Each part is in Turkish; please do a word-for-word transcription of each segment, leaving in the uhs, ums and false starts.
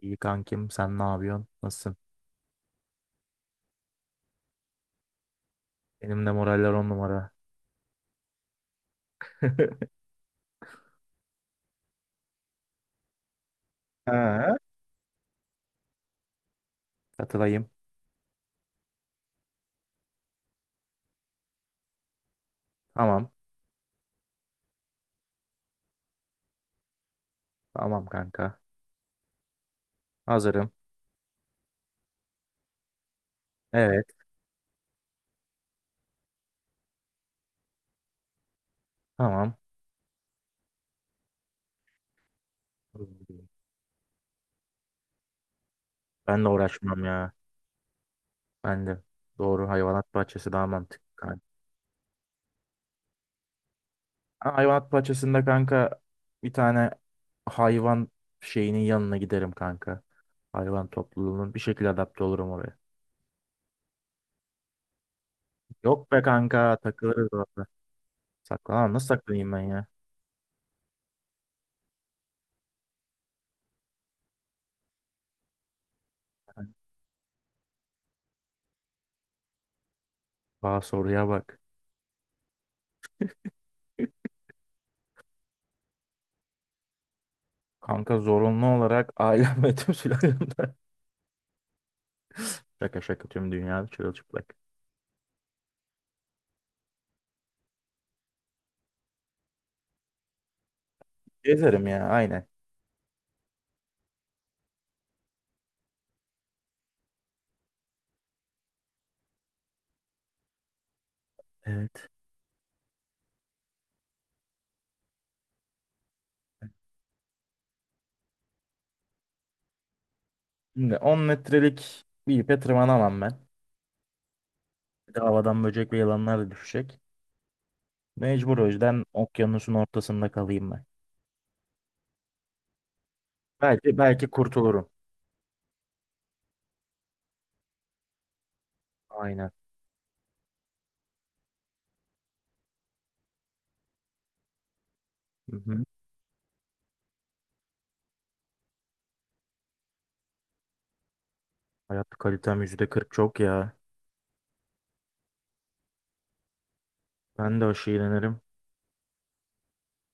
İyi kankim, sen ne yapıyorsun? Nasılsın? Benim de moraller on numara. Ha, katılayım. Tamam. Tamam kanka. Hazırım. Evet. Tamam. Ben de uğraşmam ya. Ben de. Doğru, hayvanat bahçesi daha mantıklı kanka. Ha, hayvanat bahçesinde kanka bir tane hayvan şeyinin yanına giderim kanka. Hayvan topluluğunun bir şekilde adapte olurum oraya. Yok be kanka, takılırız orada. Saklan. Nasıl saklanayım ben ya? Aa, soruya bak. Kanka zorunlu olarak ailem ve tüm sülalemden. Şaka şaka tüm dünya çırılçıplak. Gezerim ya aynen. Evet. Şimdi on metrelik bir ipe tırmanamam ben. Bir de havadan böcek ve yılanlar da düşecek. Mecbur o yüzden okyanusun ortasında kalayım ben. Belki belki kurtulurum. Aynen. Hı hı. Hayat kalitem yüzde kırk çok ya. Ben de aşı iğnelenirim.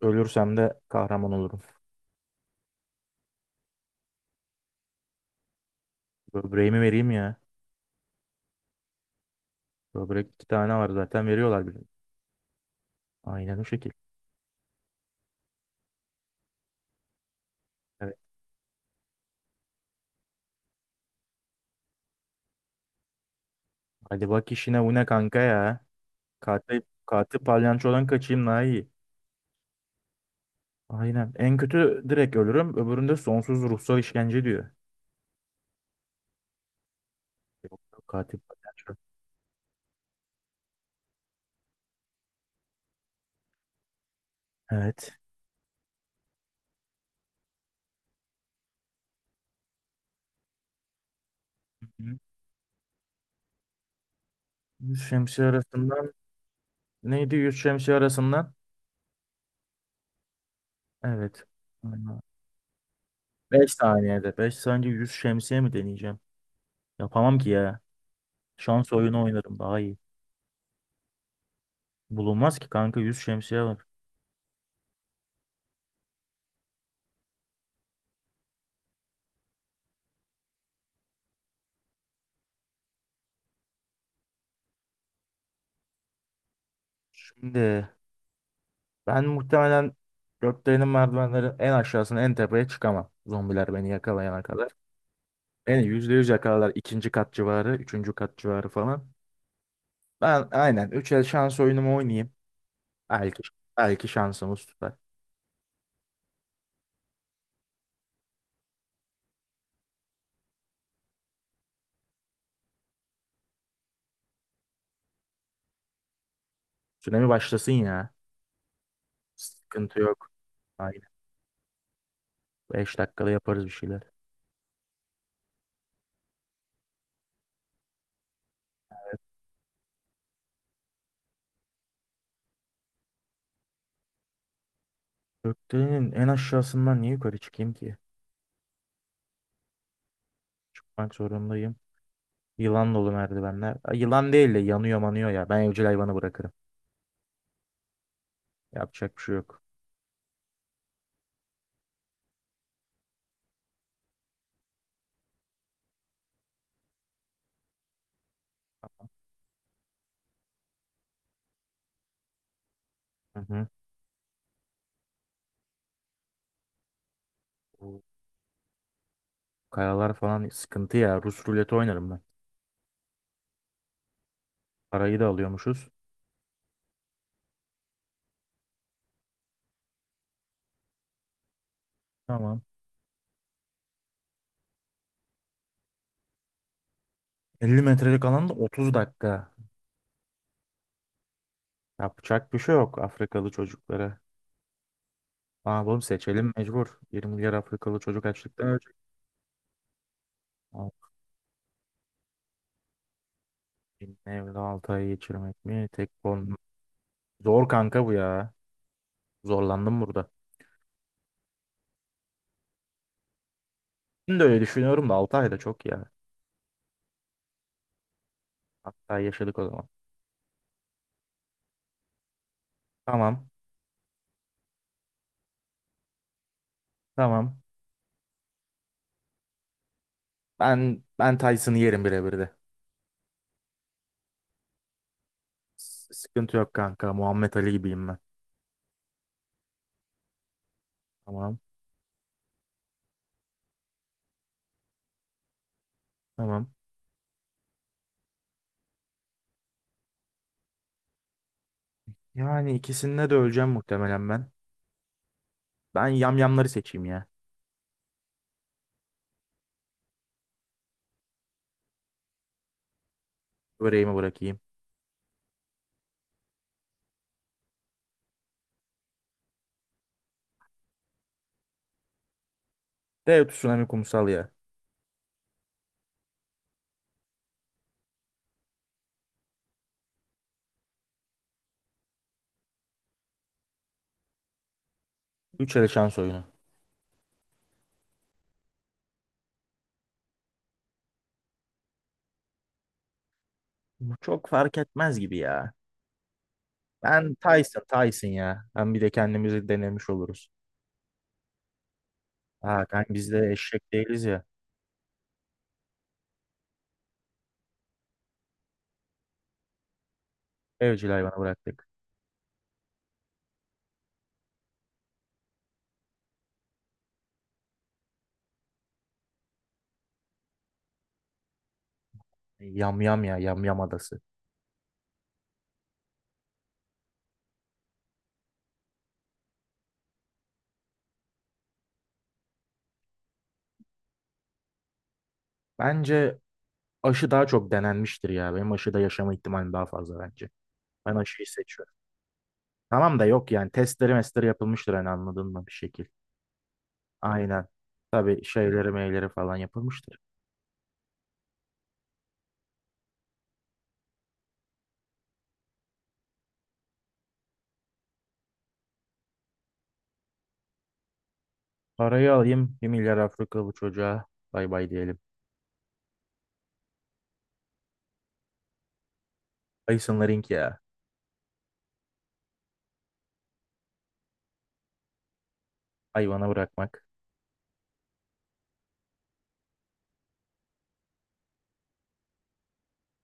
Ölürsem de kahraman olurum. Böbreğimi vereyim ya. Böbrek iki tane var, zaten veriyorlar bile. Aynen o şekil. Evet. Hadi bak işine, bu ne kanka ya. Katil, katil palyançodan kaçayım daha iyi. Aynen. En kötü direkt ölürüm. Öbüründe sonsuz ruhsal işkence diyor. Yok, yok, katil palyanço. Evet. Hı hı. Yüz şemsiye arasından. Neydi yüz şemsiye arasından? Evet. Aynen. beş saniyede. Beş saniye yüz şemsiye mi deneyeceğim? Yapamam ki ya. Şans oyunu oynarım daha iyi. Bulunmaz ki kanka, yüz şemsiye var. Şimdi ben muhtemelen gökdelenin merdivenlerin en aşağısına en tepeye çıkamam. Zombiler beni yakalayana kadar. Beni yüzde yüz yakalarlar. İkinci kat civarı, üçüncü kat civarı falan. Ben aynen üç el şans oyunumu oynayayım. Belki, belki şansımız tutar. Tsunami başlasın ya. Sıkıntı yok. Aynen. Beş dakikada yaparız bir şeyler. Gökdelenin en aşağısından niye yukarı çıkayım ki? Çıkmak zorundayım. Yılan dolu merdivenler. Ay, yılan değil de yanıyor manıyor ya. Ben evcil hayvanı bırakırım. Yapacak bir şey yok. Hı hı. Kayalar falan sıkıntı ya. Rus ruleti oynarım ben. Parayı da alıyormuşuz. Tamam. elli metrelik alanda otuz dakika. Yapacak bir şey yok Afrikalı çocuklara. Ne yapalım, seçelim mecbur. yirmi milyar Afrikalı çocuk açlıktan ölecek. Ama benim evde altı ay geçirmek mi? Tek konu. Zor kanka bu ya. Zorlandım burada. Şimdi de öyle düşünüyorum da altı ay da çok ya. Altı ay yaşadık o zaman. Tamam. Tamam. Ben ben Tyson'ı yerim birebir de. S- Sıkıntı yok kanka. Muhammed Ali gibiyim ben. Tamam. Tamam. Yani ikisinde de öleceğim muhtemelen ben. Ben yamyamları seçeyim ya. Böreğimi bırakayım. Dev tsunami kumsal ya. Üç ele şans oyunu. Bu çok fark etmez gibi ya. Ben Tyson, Tyson ya. Hem bir de kendimizi denemiş oluruz. Ha, kanka biz de eşek değiliz ya. Evcil hayvanı bıraktık. Yam Yam ya, Yam Yam adası. Bence aşı daha çok denenmiştir ya. Benim aşıda yaşama ihtimalim daha fazla bence. Ben aşıyı seçiyorum. Tamam da yok yani, testleri mestleri yapılmıştır hani, anladın mı bir şekil. Aynen. Tabii şeyleri meyleri falan yapılmıştır. Parayı alayım. Bir milyar Afrika bu çocuğa. Bay bay diyelim. Ayısın Laring ya. Hayvana bırakmak.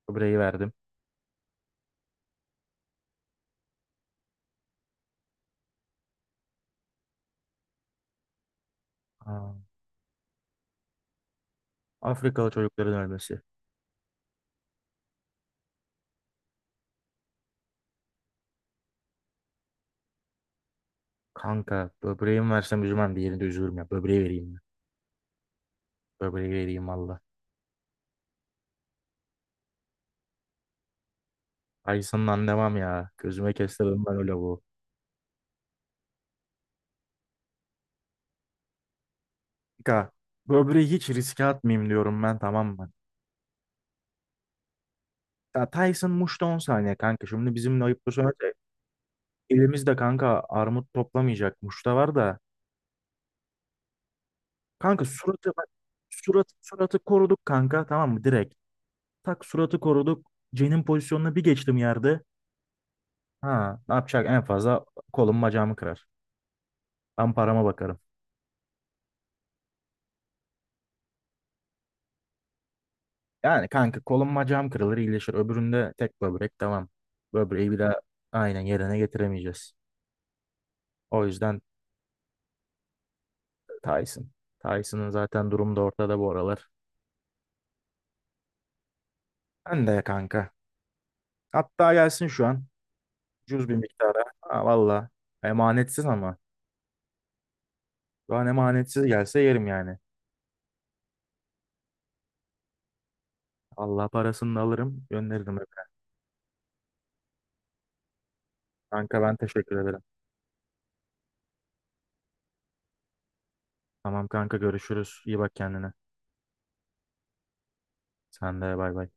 Böbreği verdim. Aa, Afrikalı çocukların ölmesi. Kanka böbreğimi versem üzülmem. Diğerini de üzülürüm ya. Böbreği vereyim mi? Böbreği vereyim valla. Ayısından devam ya. Gözüme kestirdim ben öyle bu. Kanka, böbreği hiç riske atmayayım diyorum ben, tamam mı? Ya Tyson Muş'ta on saniye kanka. Şimdi bizimle ayıp da söylese. Elimizde kanka armut toplamayacak. Muş'ta var da. Kanka suratı bak, surat, suratı koruduk kanka, tamam mı, direkt. Tak, suratı koruduk. Cen'in pozisyonuna bir geçtim yerde. Ha, ne yapacak, en fazla kolum bacağımı kırar. Ben parama bakarım. Yani kanka kolum bacağım kırılır iyileşir. Öbüründe tek böbrek, tamam. Böbreği bir daha aynen yerine getiremeyeceğiz. O yüzden Tyson. Tyson'ın zaten durumu da ortada bu aralar. Ben de kanka. Hatta gelsin şu an. Cüz bir miktara. Ha, valla. Emanetsiz ama. Şu an emanetsiz gelse yerim yani. Allah parasını da alırım, gönderirim evine. Kanka ben teşekkür ederim. Tamam kanka görüşürüz. İyi bak kendine. Sen de bay bay.